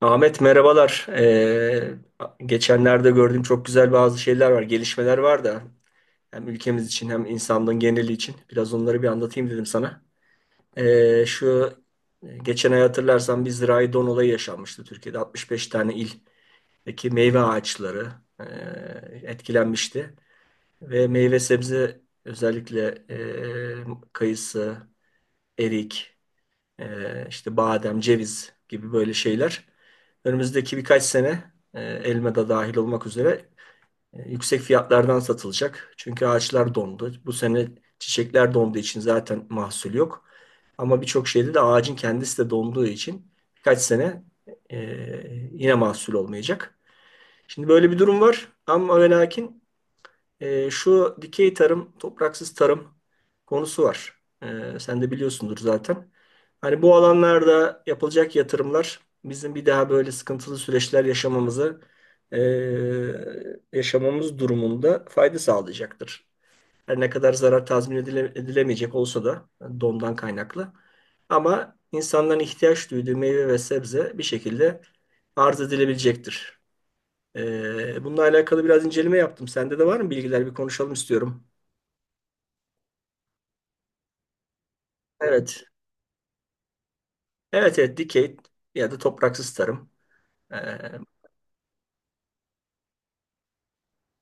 Ahmet merhabalar. Geçenlerde gördüğüm çok güzel bazı şeyler var, gelişmeler var da hem ülkemiz için hem insanlığın geneli için biraz onları bir anlatayım dedim sana. Şu geçen ay hatırlarsan bir zirai don olayı yaşanmıştı Türkiye'de. 65 tane ildeki meyve ağaçları e, etkilenmişti ve meyve sebze özellikle kayısı, erik. İşte badem, ceviz gibi böyle şeyler. Önümüzdeki birkaç sene elma da dahil olmak üzere yüksek fiyatlardan satılacak. Çünkü ağaçlar dondu. Bu sene çiçekler donduğu için zaten mahsul yok. Ama birçok şeyde de ağacın kendisi de donduğu için birkaç sene e, yine mahsul olmayacak. Şimdi böyle bir durum var ama ve lakin şu dikey tarım, topraksız tarım konusu var. E, sen de biliyorsundur zaten. Hani bu alanlarda yapılacak yatırımlar bizim bir daha böyle sıkıntılı süreçler e, yaşamamız durumunda fayda sağlayacaktır. Her ne kadar zarar tazmin edilemeyecek olsa da yani dondan kaynaklı. Ama insanların ihtiyaç duyduğu meyve ve sebze bir şekilde arz edilebilecektir. Bununla alakalı biraz inceleme yaptım. Sende de var mı bilgiler? Bir konuşalım istiyorum. Evet. Evet, evet. Dikey ya da topraksız tarım. Ee,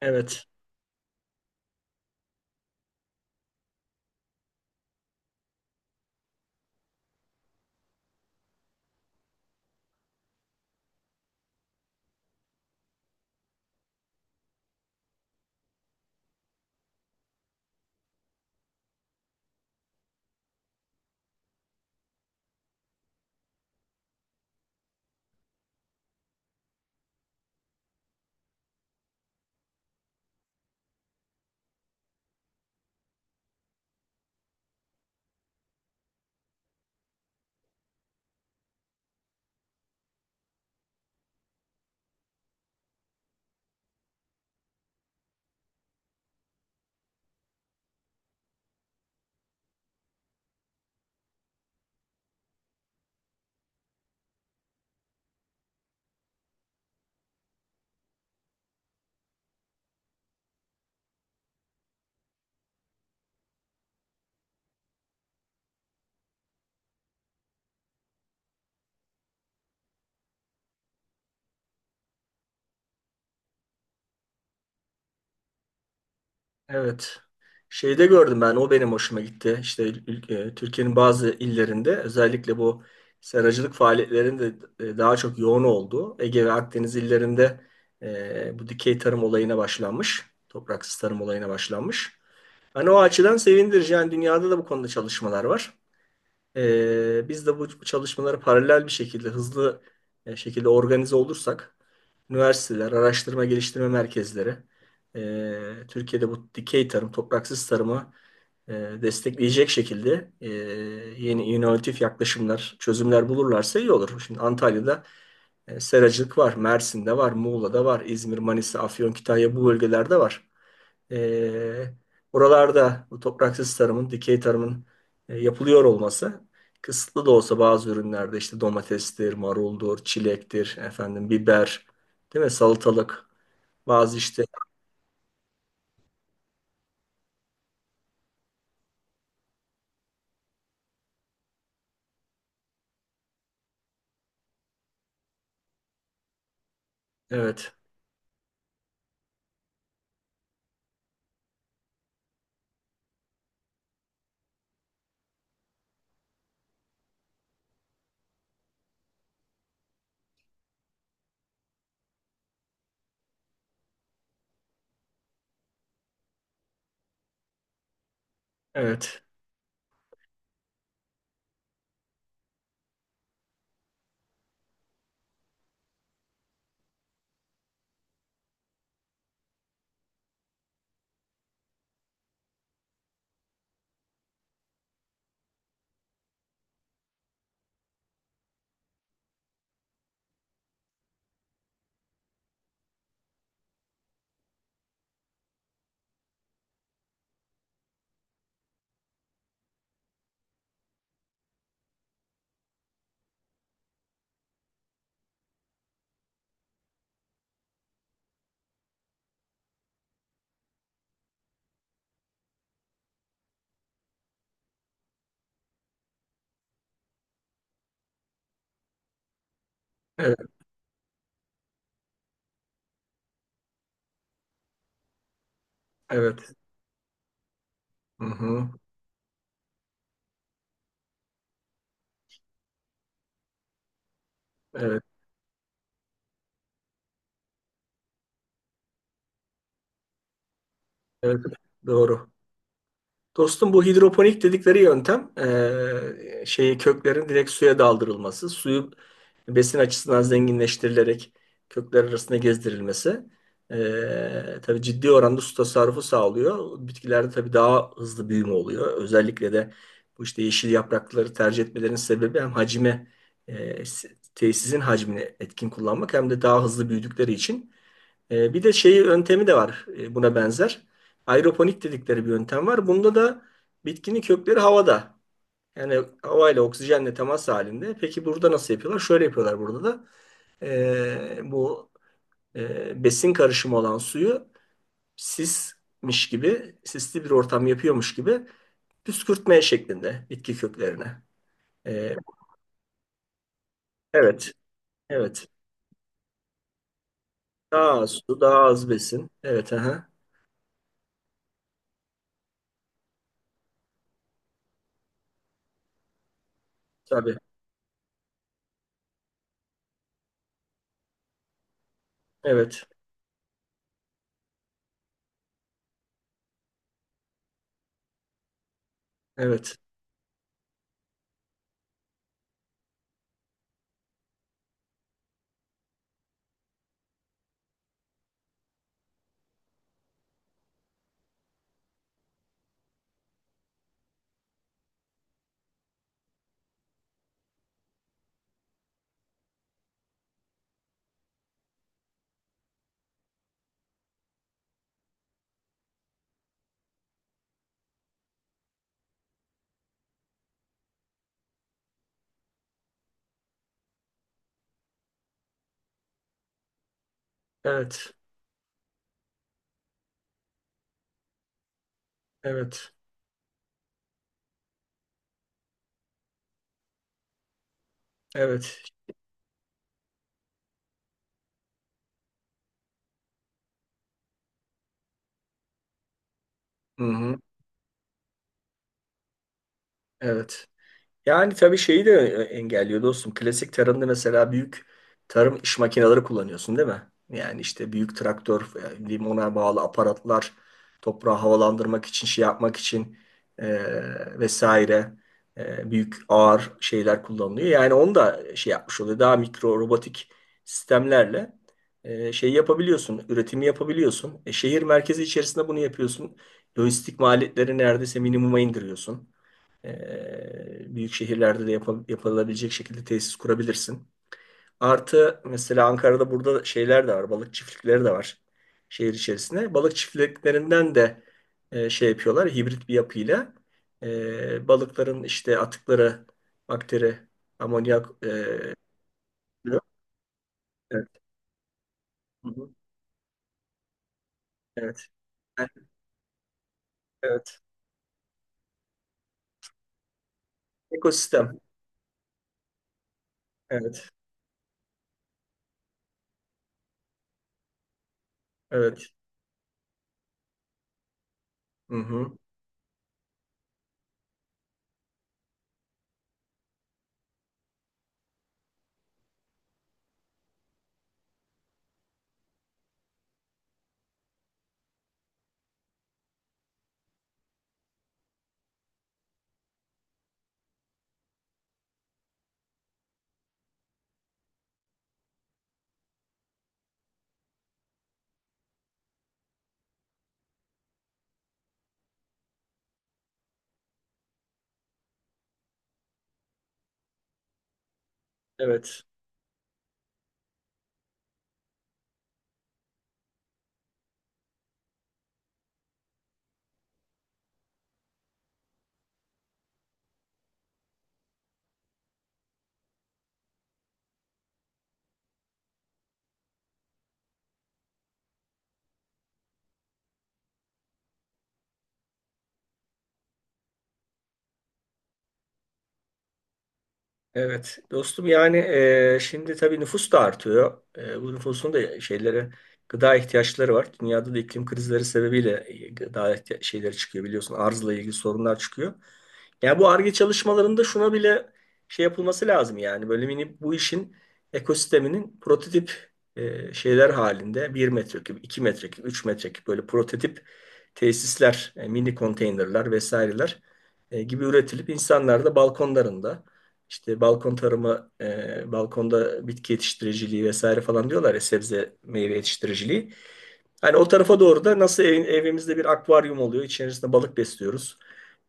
evet. Evet. Şeyde gördüm ben. O benim hoşuma gitti. İşte Türkiye'nin bazı illerinde özellikle bu seracılık faaliyetlerinin de daha çok yoğun olduğu Ege ve Akdeniz illerinde bu dikey tarım olayına başlanmış. Topraksız tarım olayına başlanmış. Hani o açıdan sevindirici. Yani dünyada da bu konuda çalışmalar var. Biz de bu çalışmalara paralel bir şekilde, hızlı şekilde organize olursak, üniversiteler, araştırma geliştirme merkezleri, Türkiye'de bu dikey tarım, topraksız tarımı e, destekleyecek şekilde yeni inovatif yaklaşımlar, çözümler bulurlarsa iyi olur. Şimdi Antalya'da seracılık var, Mersin'de var, Muğla'da var, İzmir, Manisa, Afyon, Kütahya bu bölgelerde var. E, Buralarda bu topraksız tarımın, dikey tarımın yapılıyor olması kısıtlı da olsa bazı ürünlerde işte domatestir, maruldur, çilektir, efendim biber, değil mi? Salatalık, bazı işte evet, evet, evet, evet, hı hı, evet, evet, doğru. Dostum bu hidroponik dedikleri yöntem şeyi köklerin direkt suya daldırılması, suyu besin açısından zenginleştirilerek kökler arasında gezdirilmesi tabii ciddi oranda su tasarrufu sağlıyor. Bitkilerde tabii daha hızlı büyüme oluyor. Özellikle de bu işte yeşil yaprakları tercih etmelerinin sebebi hem hacime eee, tesisin hacmini etkin kullanmak hem de daha hızlı büyüdükleri için. Bir de şeyi yöntemi de var, buna benzer. Aeroponik dedikleri bir yöntem var. Bunda da bitkinin kökleri havada. Yani havayla oksijenle temas halinde. Peki burada nasıl yapıyorlar? Şöyle yapıyorlar burada da. Bu besin karışımı olan suyu sismiş gibi, sisli bir ortam yapıyormuş gibi püskürtmeye şeklinde bitki köklerine. E, evet, evet. Daha az su, daha az besin. Evet, aha. Tabii. Evet, evet, evet, evet. Evet. Hı hı. Evet. Yani tabii şeyi de engelliyor dostum. Klasik tarımda mesela büyük tarım iş makineleri kullanıyorsun değil mi? Yani işte büyük traktör, yani ona bağlı aparatlar, toprağı havalandırmak için, şey yapmak için e, vesaire büyük ağır şeyler kullanılıyor. Yani onu da şey yapmış oluyor. Daha mikro robotik sistemlerle şey yapabiliyorsun, üretimi yapabiliyorsun. Şehir merkezi içerisinde bunu yapıyorsun. Lojistik maliyetleri neredeyse minimuma indiriyorsun. Büyük şehirlerde de yapılabilecek şekilde tesis kurabilirsin. Artı mesela Ankara'da burada şeyler de var. Balık çiftlikleri de var şehir içerisinde. Balık çiftliklerinden de şey yapıyorlar. Hibrit bir yapıyla balıkların işte atıkları, bakteri, amonyak, evet. Hı hı. Evet. Evet. Ekosistem. Evet. Evet. Hı hı. Evet. Evet dostum yani şimdi tabii nüfus da artıyor. Bu nüfusun da şeylere gıda ihtiyaçları var. Dünyada da iklim krizleri sebebiyle gıda şeyleri çıkıyor biliyorsun. Arzla ilgili sorunlar çıkıyor. Yani bu Ar-Ge çalışmalarında şuna bile şey yapılması lazım yani böyle mini bu işin ekosisteminin prototip şeyler halinde 1 metreküp, 2 metreküp, 3 metreküp böyle prototip tesisler, mini konteynerler vesaireler gibi üretilip insanlar da balkonlarında işte balkon tarımı, balkonda bitki yetiştiriciliği vesaire falan diyorlar ya sebze meyve yetiştiriciliği. Hani o tarafa doğru da nasıl evimizde bir akvaryum oluyor, içerisinde balık besliyoruz.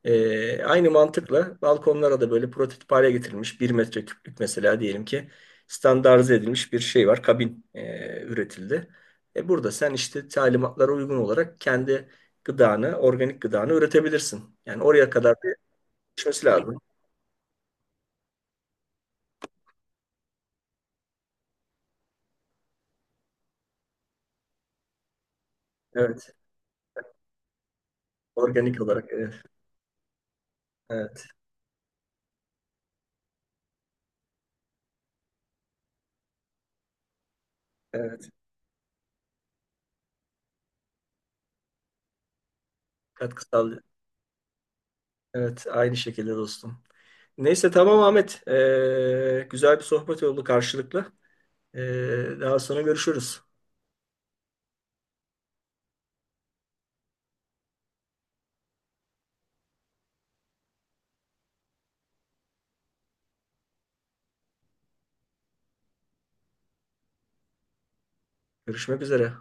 Aynı mantıkla balkonlara da böyle prototip hale getirilmiş bir metre küplük mesela diyelim ki standartize edilmiş bir şey var, kabin üretildi. Burada sen işte talimatlara uygun olarak kendi gıdanı, organik gıdanı üretebilirsin. Yani oraya kadar bir geçmesi lazım. Evet, organik olarak. Evet, evet. Katkı sağlıyor. Evet, aynı şekilde dostum. Neyse tamam Ahmet. Güzel bir sohbet oldu karşılıklı. Daha sonra görüşürüz. Görüşmek üzere.